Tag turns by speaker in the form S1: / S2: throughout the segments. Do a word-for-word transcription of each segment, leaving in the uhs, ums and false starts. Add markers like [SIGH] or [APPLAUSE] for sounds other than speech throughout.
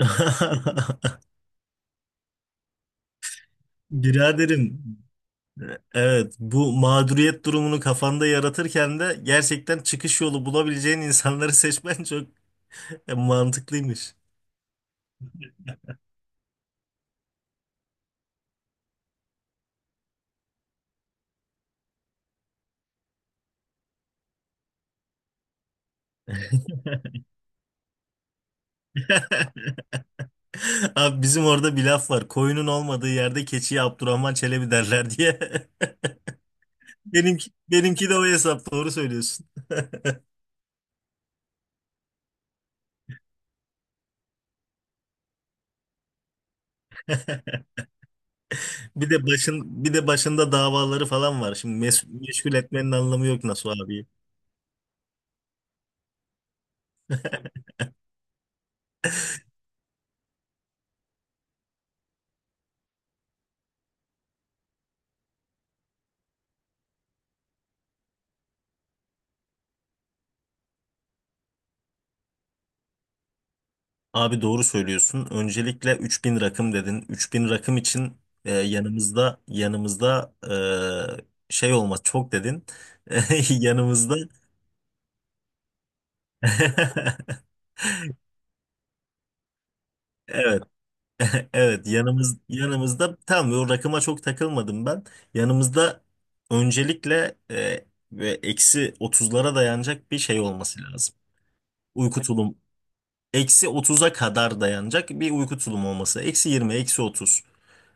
S1: [LAUGHS] Biraderim, evet bu mağduriyet durumunu kafanda yaratırken de gerçekten çıkış yolu bulabileceğin insanları seçmen çok e, mantıklıymış. [LAUGHS] Abi bizim orada bir laf var. Koyunun olmadığı yerde keçiye Abdurrahman Çelebi derler diye. [LAUGHS] Benimki, benimki de o hesap, doğru söylüyorsun. Bir de başın bir de başında davaları falan var. Şimdi mes meşgul etmenin anlamı yok nasıl abi. Abi doğru söylüyorsun. Öncelikle üç bin rakım dedin. üç bin rakım için e, yanımızda yanımızda e, şey olmaz çok dedin. [LAUGHS] Yanımızda [LAUGHS] evet [LAUGHS] evet yanımız yanımızda tam o rakıma çok takılmadım ben. Yanımızda öncelikle e, ve eksi otuzlara dayanacak bir şey olması lazım. Uyku tulum eksi otuza kadar dayanacak bir uyku tulumu olması. Eksi yirmi, eksi otuz.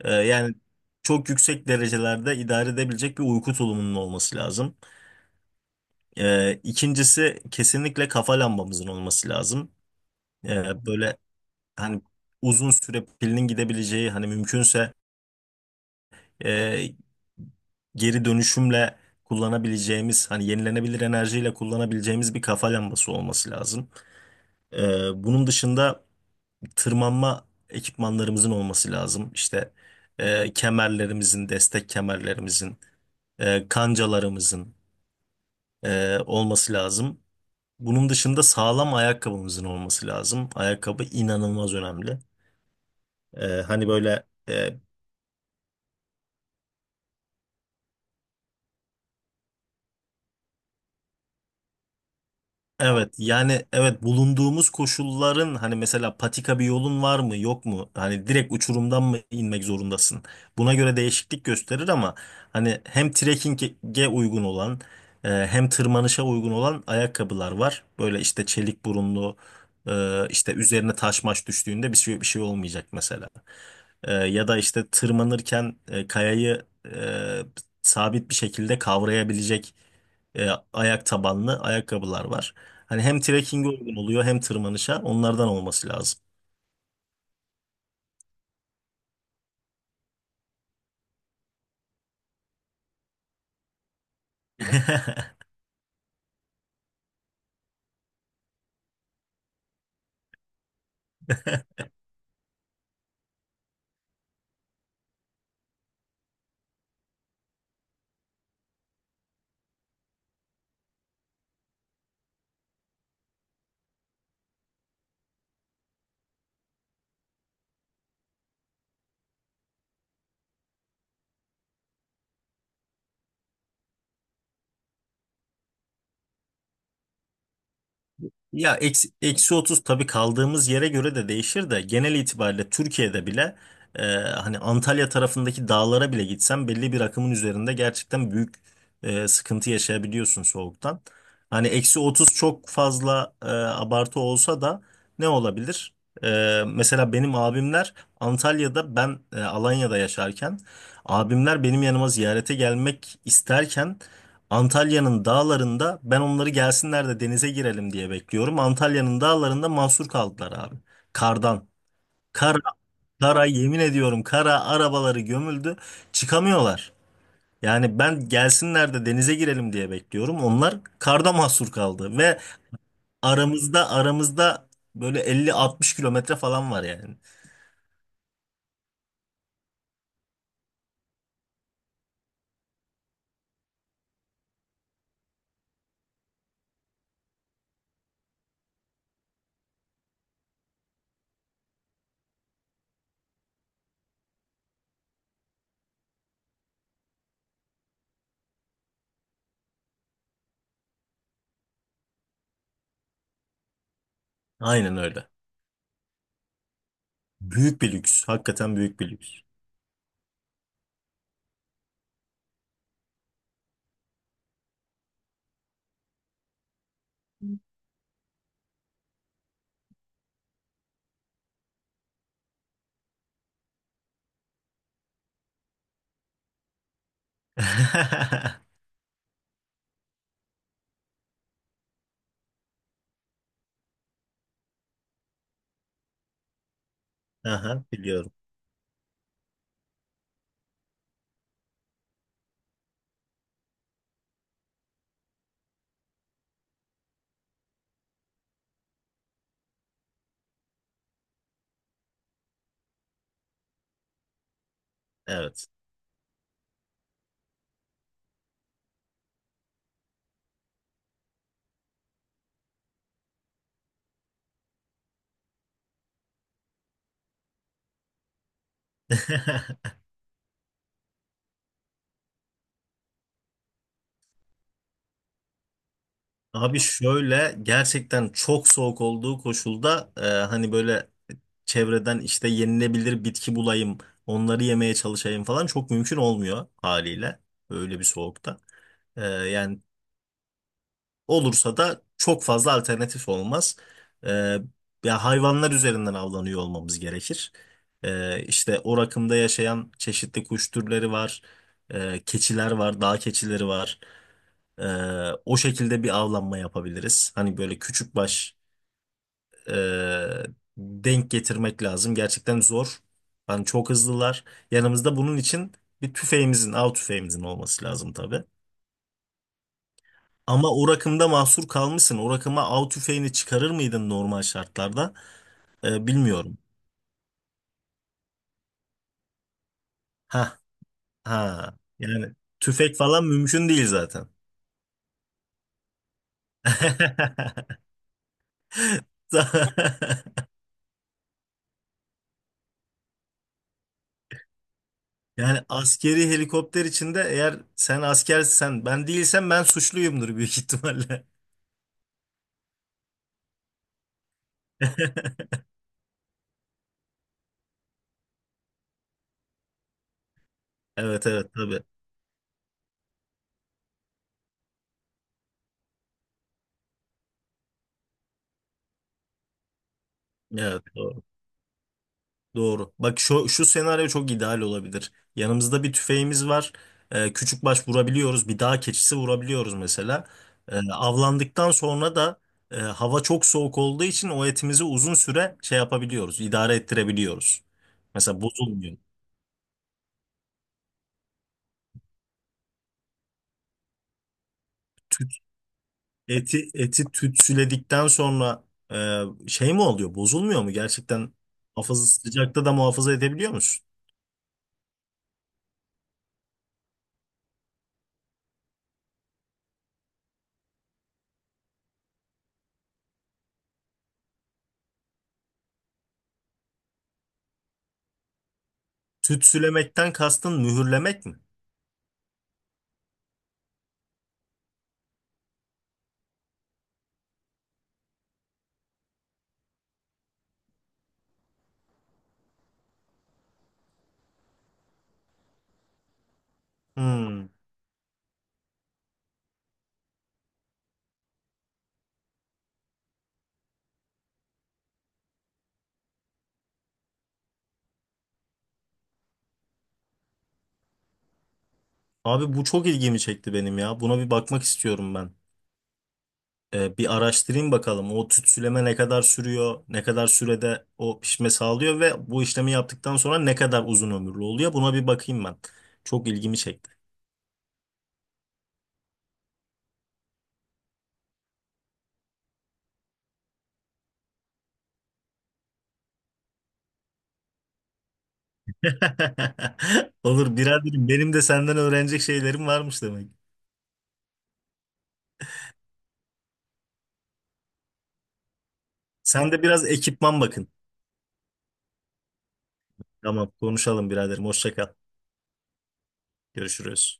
S1: Ee, yani çok yüksek derecelerde idare edebilecek bir uyku tulumunun olması lazım. Ee, ikincisi kesinlikle kafa lambamızın olması lazım. Ee, böyle, hani uzun süre pilinin gidebileceği, hani mümkünse e, geri dönüşümle kullanabileceğimiz, hani yenilenebilir enerjiyle kullanabileceğimiz bir kafa lambası olması lazım. Ee, bunun dışında tırmanma ekipmanlarımızın olması lazım. İşte e, kemerlerimizin, destek kemerlerimizin, e, kancalarımızın e, olması lazım. Bunun dışında sağlam ayakkabımızın olması lazım. Ayakkabı inanılmaz önemli. E, hani böyle e, Evet, yani evet bulunduğumuz koşulların, hani mesela patika bir yolun var mı yok mu? Hani direkt uçurumdan mı inmek zorundasın? Buna göre değişiklik gösterir ama hani hem trekkinge uygun olan, e, hem tırmanışa uygun olan ayakkabılar var. Böyle işte çelik burunlu, e, işte üzerine taş maş düştüğünde bir şey bir şey olmayacak mesela. E, ya da işte tırmanırken e, kayayı e, sabit bir şekilde kavrayabilecek e, ayak tabanlı ayakkabılar var. Hani hem trekkinge uygun oluyor hem tırmanışa, onlardan olması lazım. Ya eksi, eksi otuz, tabii kaldığımız yere göre de değişir de genel itibariyle Türkiye'de bile, e, hani Antalya tarafındaki dağlara bile gitsen belli bir rakımın üzerinde gerçekten büyük e, sıkıntı yaşayabiliyorsun soğuktan. Hani eksi otuz çok fazla e, abartı olsa da ne olabilir? E, mesela benim abimler Antalya'da, ben e, Alanya'da yaşarken, abimler benim yanıma ziyarete gelmek isterken Antalya'nın dağlarında, ben onları gelsinler de denize girelim diye bekliyorum. Antalya'nın dağlarında mahsur kaldılar abi. Kardan. Kar Kara, yemin ediyorum kara, arabaları gömüldü, çıkamıyorlar. Yani ben gelsinler de denize girelim diye bekliyorum. Onlar karda mahsur kaldı ve aramızda aramızda böyle elli altmış kilometre falan var yani. Aynen öyle. Büyük bir lüks. Hakikaten büyük bir lüks. [LAUGHS] Aha, biliyorum. Evet. [LAUGHS] Abi şöyle, gerçekten çok soğuk olduğu koşulda, e, hani böyle çevreden, işte yenilebilir bitki bulayım, onları yemeye çalışayım falan, çok mümkün olmuyor haliyle öyle bir soğukta. E, yani olursa da çok fazla alternatif olmaz. E, ya hayvanlar üzerinden avlanıyor olmamız gerekir. E, işte o rakımda yaşayan çeşitli kuş türleri var, e, keçiler var, dağ keçileri var. Ee, o şekilde bir avlanma yapabiliriz. Hani böyle küçük baş, e, denk getirmek lazım. Gerçekten zor. Hani çok hızlılar. Yanımızda bunun için bir tüfeğimizin, av tüfeğimizin olması lazım tabii. Ama o rakımda mahsur kalmışsın. O rakıma av tüfeğini çıkarır mıydın normal şartlarda? Ee, bilmiyorum. Ha, ha. Yani tüfek falan mümkün değil zaten. [LAUGHS] Yani askeri helikopter içinde, eğer sen askersen ben değilsem, ben suçluyumdur büyük ihtimalle. [LAUGHS] Evet, evet, tabii. Evet, doğru. Doğru. Bak, şu, şu senaryo çok ideal olabilir. Yanımızda bir tüfeğimiz var. Ee, küçük baş vurabiliyoruz. Bir dağ keçisi vurabiliyoruz mesela. Ee, avlandıktan sonra da, e, hava çok soğuk olduğu için o etimizi uzun süre şey yapabiliyoruz, idare ettirebiliyoruz. Mesela bozulmuyor. Eti eti tütsüledikten sonra e, şey mi oluyor? Bozulmuyor mu? Gerçekten hafızı sıcakta da muhafaza edebiliyor musun? Tütsülemekten kastın mühürlemek mi? Hmm. Abi bu çok ilgimi çekti benim ya. Buna bir bakmak istiyorum ben. E, bir araştırayım bakalım. O tütsüleme ne kadar sürüyor? Ne kadar sürede o pişme sağlıyor ve bu işlemi yaptıktan sonra ne kadar uzun ömürlü oluyor? Buna bir bakayım ben. Çok ilgimi çekti. [LAUGHS] Olur biraderim. Benim de senden öğrenecek şeylerim varmış demek. Sen de biraz ekipman bakın. Tamam, konuşalım biraderim. Hoşça kal. Görüşürüz.